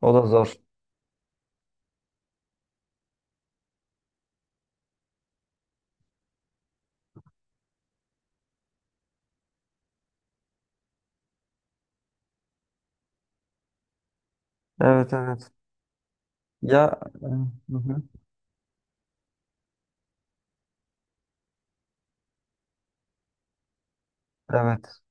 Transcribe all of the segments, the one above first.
O da zor. Evet, evet. Ya e, hı hı. Evet.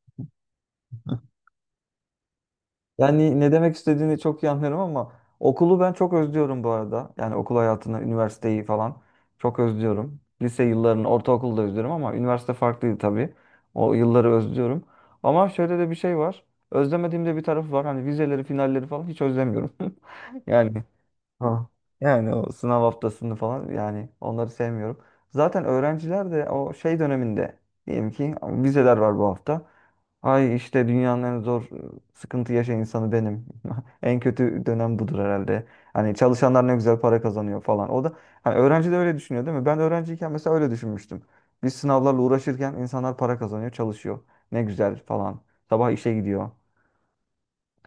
Yani ne demek istediğini çok iyi anlıyorum ama okulu ben çok özlüyorum bu arada. Yani okul hayatını, üniversiteyi falan çok özlüyorum. Lise yıllarını, ortaokulu da özlüyorum ama üniversite farklıydı tabii. O yılları özlüyorum. Ama şöyle de bir şey var. Özlemediğim de bir tarafı var. Hani vizeleri, finalleri falan hiç özlemiyorum. Yani ha. Yani o sınav haftasını falan, yani onları sevmiyorum. Zaten öğrenciler de o şey döneminde, diyelim ki vizeler var bu hafta. Ay işte dünyanın en zor sıkıntı yaşayan insanı benim. En kötü dönem budur herhalde. Hani çalışanlar ne güzel para kazanıyor falan. O da, hani öğrenci de öyle düşünüyor değil mi? Ben öğrenciyken mesela öyle düşünmüştüm. Biz sınavlarla uğraşırken insanlar para kazanıyor, çalışıyor. Ne güzel falan. Sabah işe gidiyor.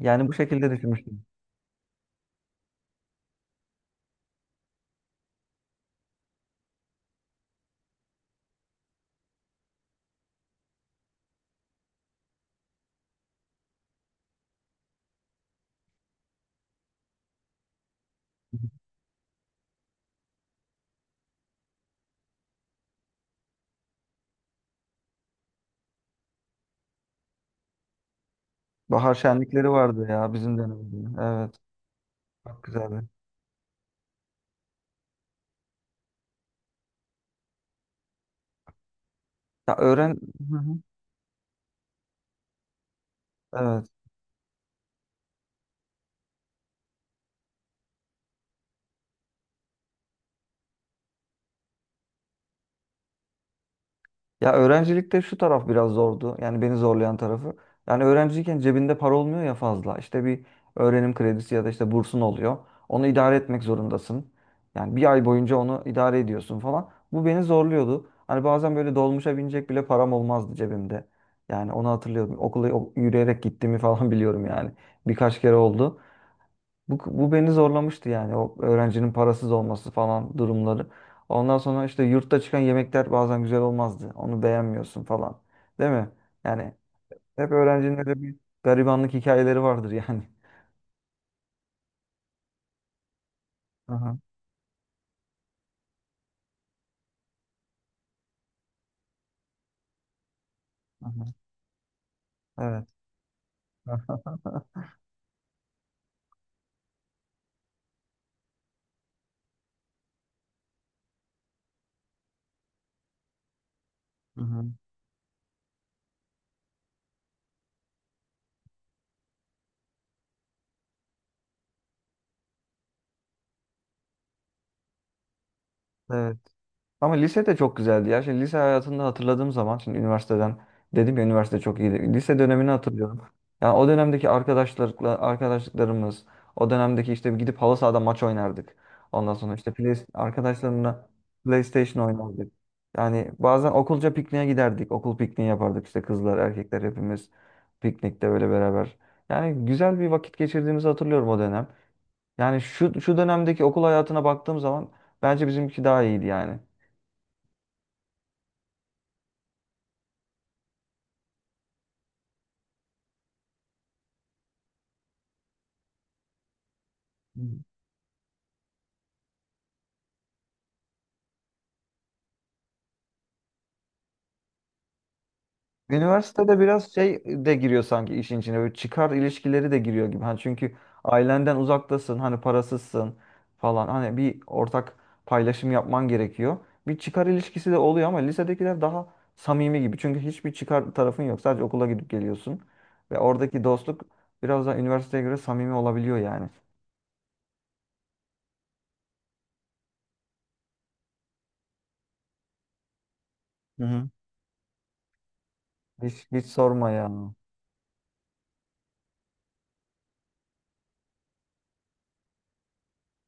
Yani bu şekilde düşünmüştüm. Bahar şenlikleri vardı ya bizim dönemde. Evet. Çok güzeldi. Ya öğren, hı hı. Evet. Ya öğrencilikte şu taraf biraz zordu. Yani beni zorlayan tarafı. Yani öğrenciyken cebinde para olmuyor ya fazla. İşte bir öğrenim kredisi ya da işte bursun oluyor. Onu idare etmek zorundasın. Yani bir ay boyunca onu idare ediyorsun falan. Bu beni zorluyordu. Hani bazen böyle dolmuşa binecek bile param olmazdı cebimde. Yani onu hatırlıyorum. Okula o- yürüyerek gittiğimi falan biliyorum yani. Birkaç kere oldu. Bu beni zorlamıştı yani, o öğrencinin parasız olması falan durumları. Ondan sonra işte yurtta çıkan yemekler bazen güzel olmazdı. Onu beğenmiyorsun falan. Değil mi? Yani hep öğrencinin öyle bir garibanlık hikayeleri vardır yani. Aha, aha. Evet. Aha, evet. Ama lise de çok güzeldi ya. Şimdi lise hayatında hatırladığım zaman, şimdi üniversiteden dedim ya, üniversite çok iyiydi. Lise dönemini hatırlıyorum. Yani o dönemdeki arkadaşlarla arkadaşlıklarımız, o dönemdeki işte gidip halı sahada maç oynardık. Ondan sonra işte play, arkadaşlarımla PlayStation oynardık. Yani bazen okulca pikniğe giderdik. Okul pikniği yapardık işte kızlar, erkekler hepimiz piknikte böyle beraber. Yani güzel bir vakit geçirdiğimizi hatırlıyorum o dönem. Yani şu dönemdeki okul hayatına baktığım zaman bence bizimki daha iyiydi yani. Üniversitede biraz şey de giriyor sanki işin içine. Böyle çıkar ilişkileri de giriyor gibi. Hani çünkü ailenden uzaktasın, hani parasızsın falan. Hani bir ortak paylaşım yapman gerekiyor. Bir çıkar ilişkisi de oluyor ama lisedekiler daha samimi gibi. Çünkü hiçbir çıkar tarafın yok. Sadece okula gidip geliyorsun. Ve oradaki dostluk biraz daha üniversiteye göre samimi olabiliyor yani. Hı hı. Hiç sorma ya.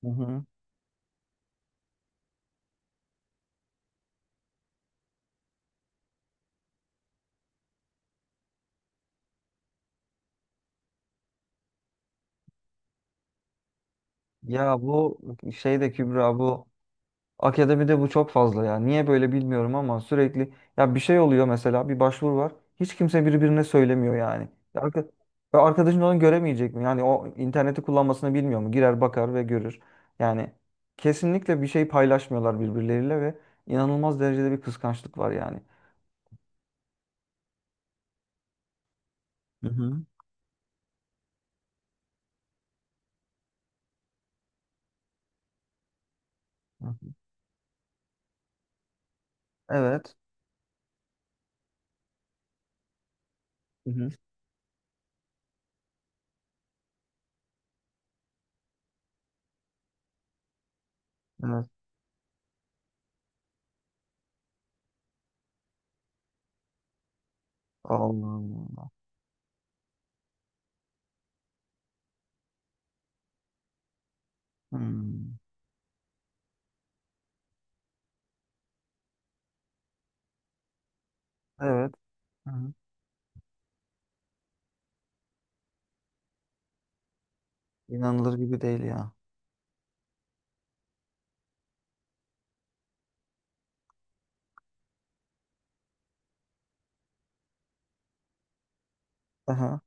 Hı hı. Ya bu şey de Kübra, bu akademide bu çok fazla ya. Niye böyle bilmiyorum ama sürekli ya bir şey oluyor, mesela bir başvuru var. Hiç kimse birbirine söylemiyor yani. Ya Arka, ya arkadaşın onu göremeyecek mi? Yani o interneti kullanmasını bilmiyor mu? Girer, bakar ve görür. Yani kesinlikle bir şey paylaşmıyorlar birbirleriyle ve inanılmaz derecede bir kıskançlık var yani. Hı hı. Evet. Hı hı. Evet. Allah Allah. Hmm. Evet. Hı hı. İnanılır gibi değil ya. Aha.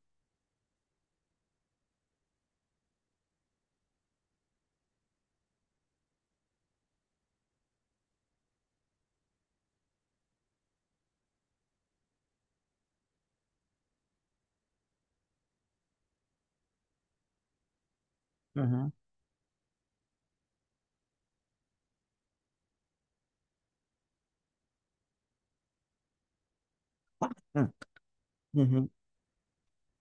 Hı hı. Hı. Hı hı.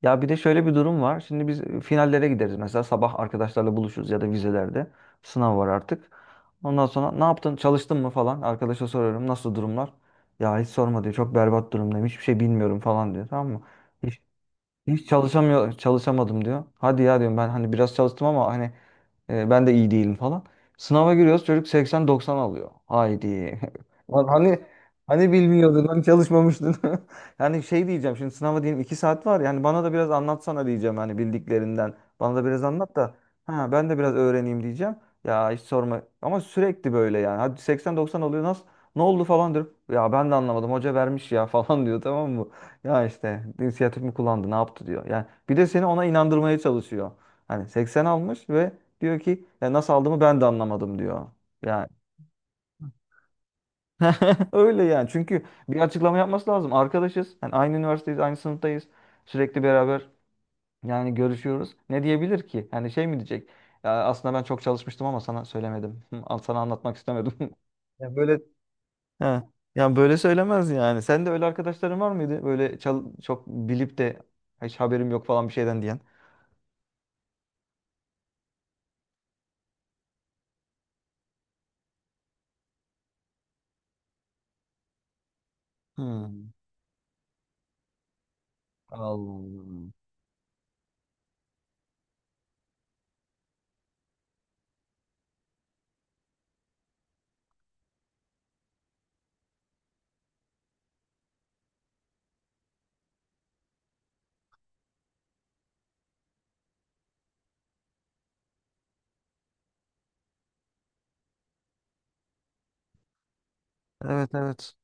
Ya bir de şöyle bir durum var. Şimdi biz finallere gideriz. Mesela sabah arkadaşlarla buluşuruz ya da vizelerde. Sınav var artık. Ondan sonra ne yaptın? Çalıştın mı falan? Arkadaşa soruyorum. Nasıl durumlar? Ya hiç sorma diyor. Çok berbat durumdayım. Hiçbir şey bilmiyorum falan diyor. Tamam mı? Hiç, çalışamadım diyor. Hadi ya diyorum, ben hani biraz çalıştım ama hani ben de iyi değilim falan. Sınava giriyoruz, çocuk 80-90 alıyor. Haydi. Lan hani, hani bilmiyordun, hani çalışmamıştın. Yani şey diyeceğim, şimdi sınava diyelim 2 saat var. Yani bana da biraz anlatsana diyeceğim hani bildiklerinden. Bana da biraz anlat da ha, ben de biraz öğreneyim diyeceğim. Ya hiç sorma. Ama sürekli böyle yani. Hadi 80-90 alıyor nasıl? Ne oldu falan diyorum. Ya ben de anlamadım. Hoca vermiş ya falan diyor, tamam mı? Ya işte inisiyatif mi kullandı, ne yaptı diyor. Yani bir de seni ona inandırmaya çalışıyor. Hani 80 almış ve diyor ki ya nasıl aldığımı ben de anlamadım diyor. Yani öyle yani. Çünkü bir açıklama yapması lazım. Arkadaşız. Yani aynı üniversiteyiz, aynı sınıftayız. Sürekli beraber yani görüşüyoruz. Ne diyebilir ki? Yani şey mi diyecek? Ya aslında ben çok çalışmıştım ama sana söylemedim. Al sana, anlatmak istemedim. Ya böyle he. Yani böyle söylemez yani. Sen de öyle arkadaşların var mıydı? Böyle çal- çok bilip de hiç haberim yok falan bir şeyden diyen. Hmm. Allah. Evet, evet.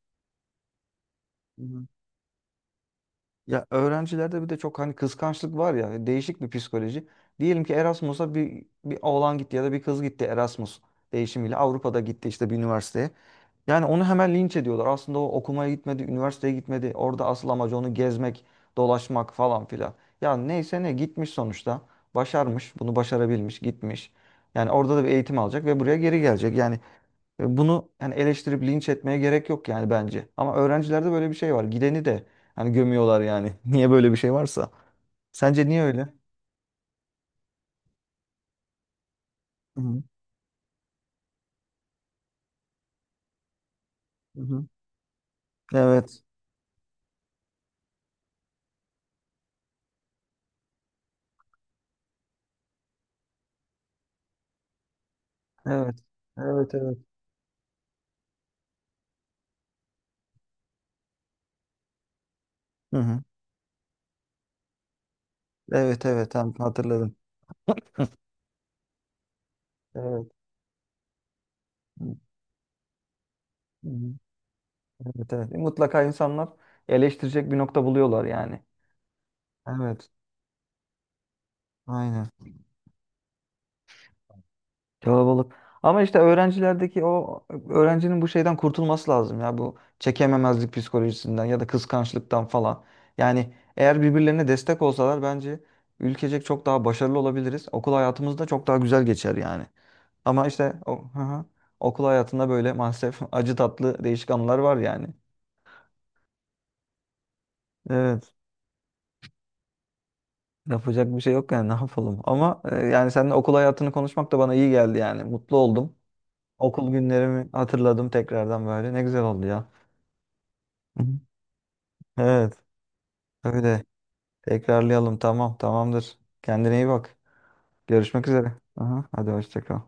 Ya öğrencilerde bir de çok hani kıskançlık var ya, değişik bir psikoloji. Diyelim ki Erasmus'a bir oğlan gitti ya da bir kız gitti, Erasmus değişimiyle Avrupa'da gitti işte bir üniversiteye. Yani onu hemen linç ediyorlar. Aslında o okumaya gitmedi, üniversiteye gitmedi. Orada asıl amacı onu gezmek, dolaşmak falan filan. Ya neyse, ne gitmiş sonuçta. Başarmış, bunu başarabilmiş, gitmiş. Yani orada da bir eğitim alacak ve buraya geri gelecek. Bunu yani eleştirip linç etmeye gerek yok yani bence. Ama öğrencilerde böyle bir şey var. Gideni de hani gömüyorlar yani. Niye böyle bir şey varsa. Sence niye öyle? Hı hı. Hı hı. Evet. Evet. Evet, evet. Hı hı. Evet, evet. Tamam, hatırladım. Evet. Hı hı. Evet, evet. Mutlaka insanlar eleştirecek bir nokta buluyorlar yani. Evet. Aynen. Kalabalık. Ama işte öğrencilerdeki o öğrencinin bu şeyden kurtulması lazım ya, bu çekememezlik psikolojisinden ya da kıskançlıktan falan. Yani eğer birbirlerine destek olsalar bence ülkecek çok daha başarılı olabiliriz. Okul hayatımız da çok daha güzel geçer yani. Ama işte o, hı hı. Okul hayatında böyle maalesef acı tatlı değişik anılar var yani. Evet. Yapacak bir şey yok yani, ne yapalım. Yani seninle okul hayatını konuşmak da bana iyi geldi yani. Mutlu oldum. Okul günlerimi hatırladım tekrardan böyle. Ne güzel oldu ya. Hı hı. Evet. Öyle. Tekrarlayalım. Tamam. Tamamdır. Kendine iyi bak. Görüşmek üzere. Aha, hadi hoşça kal.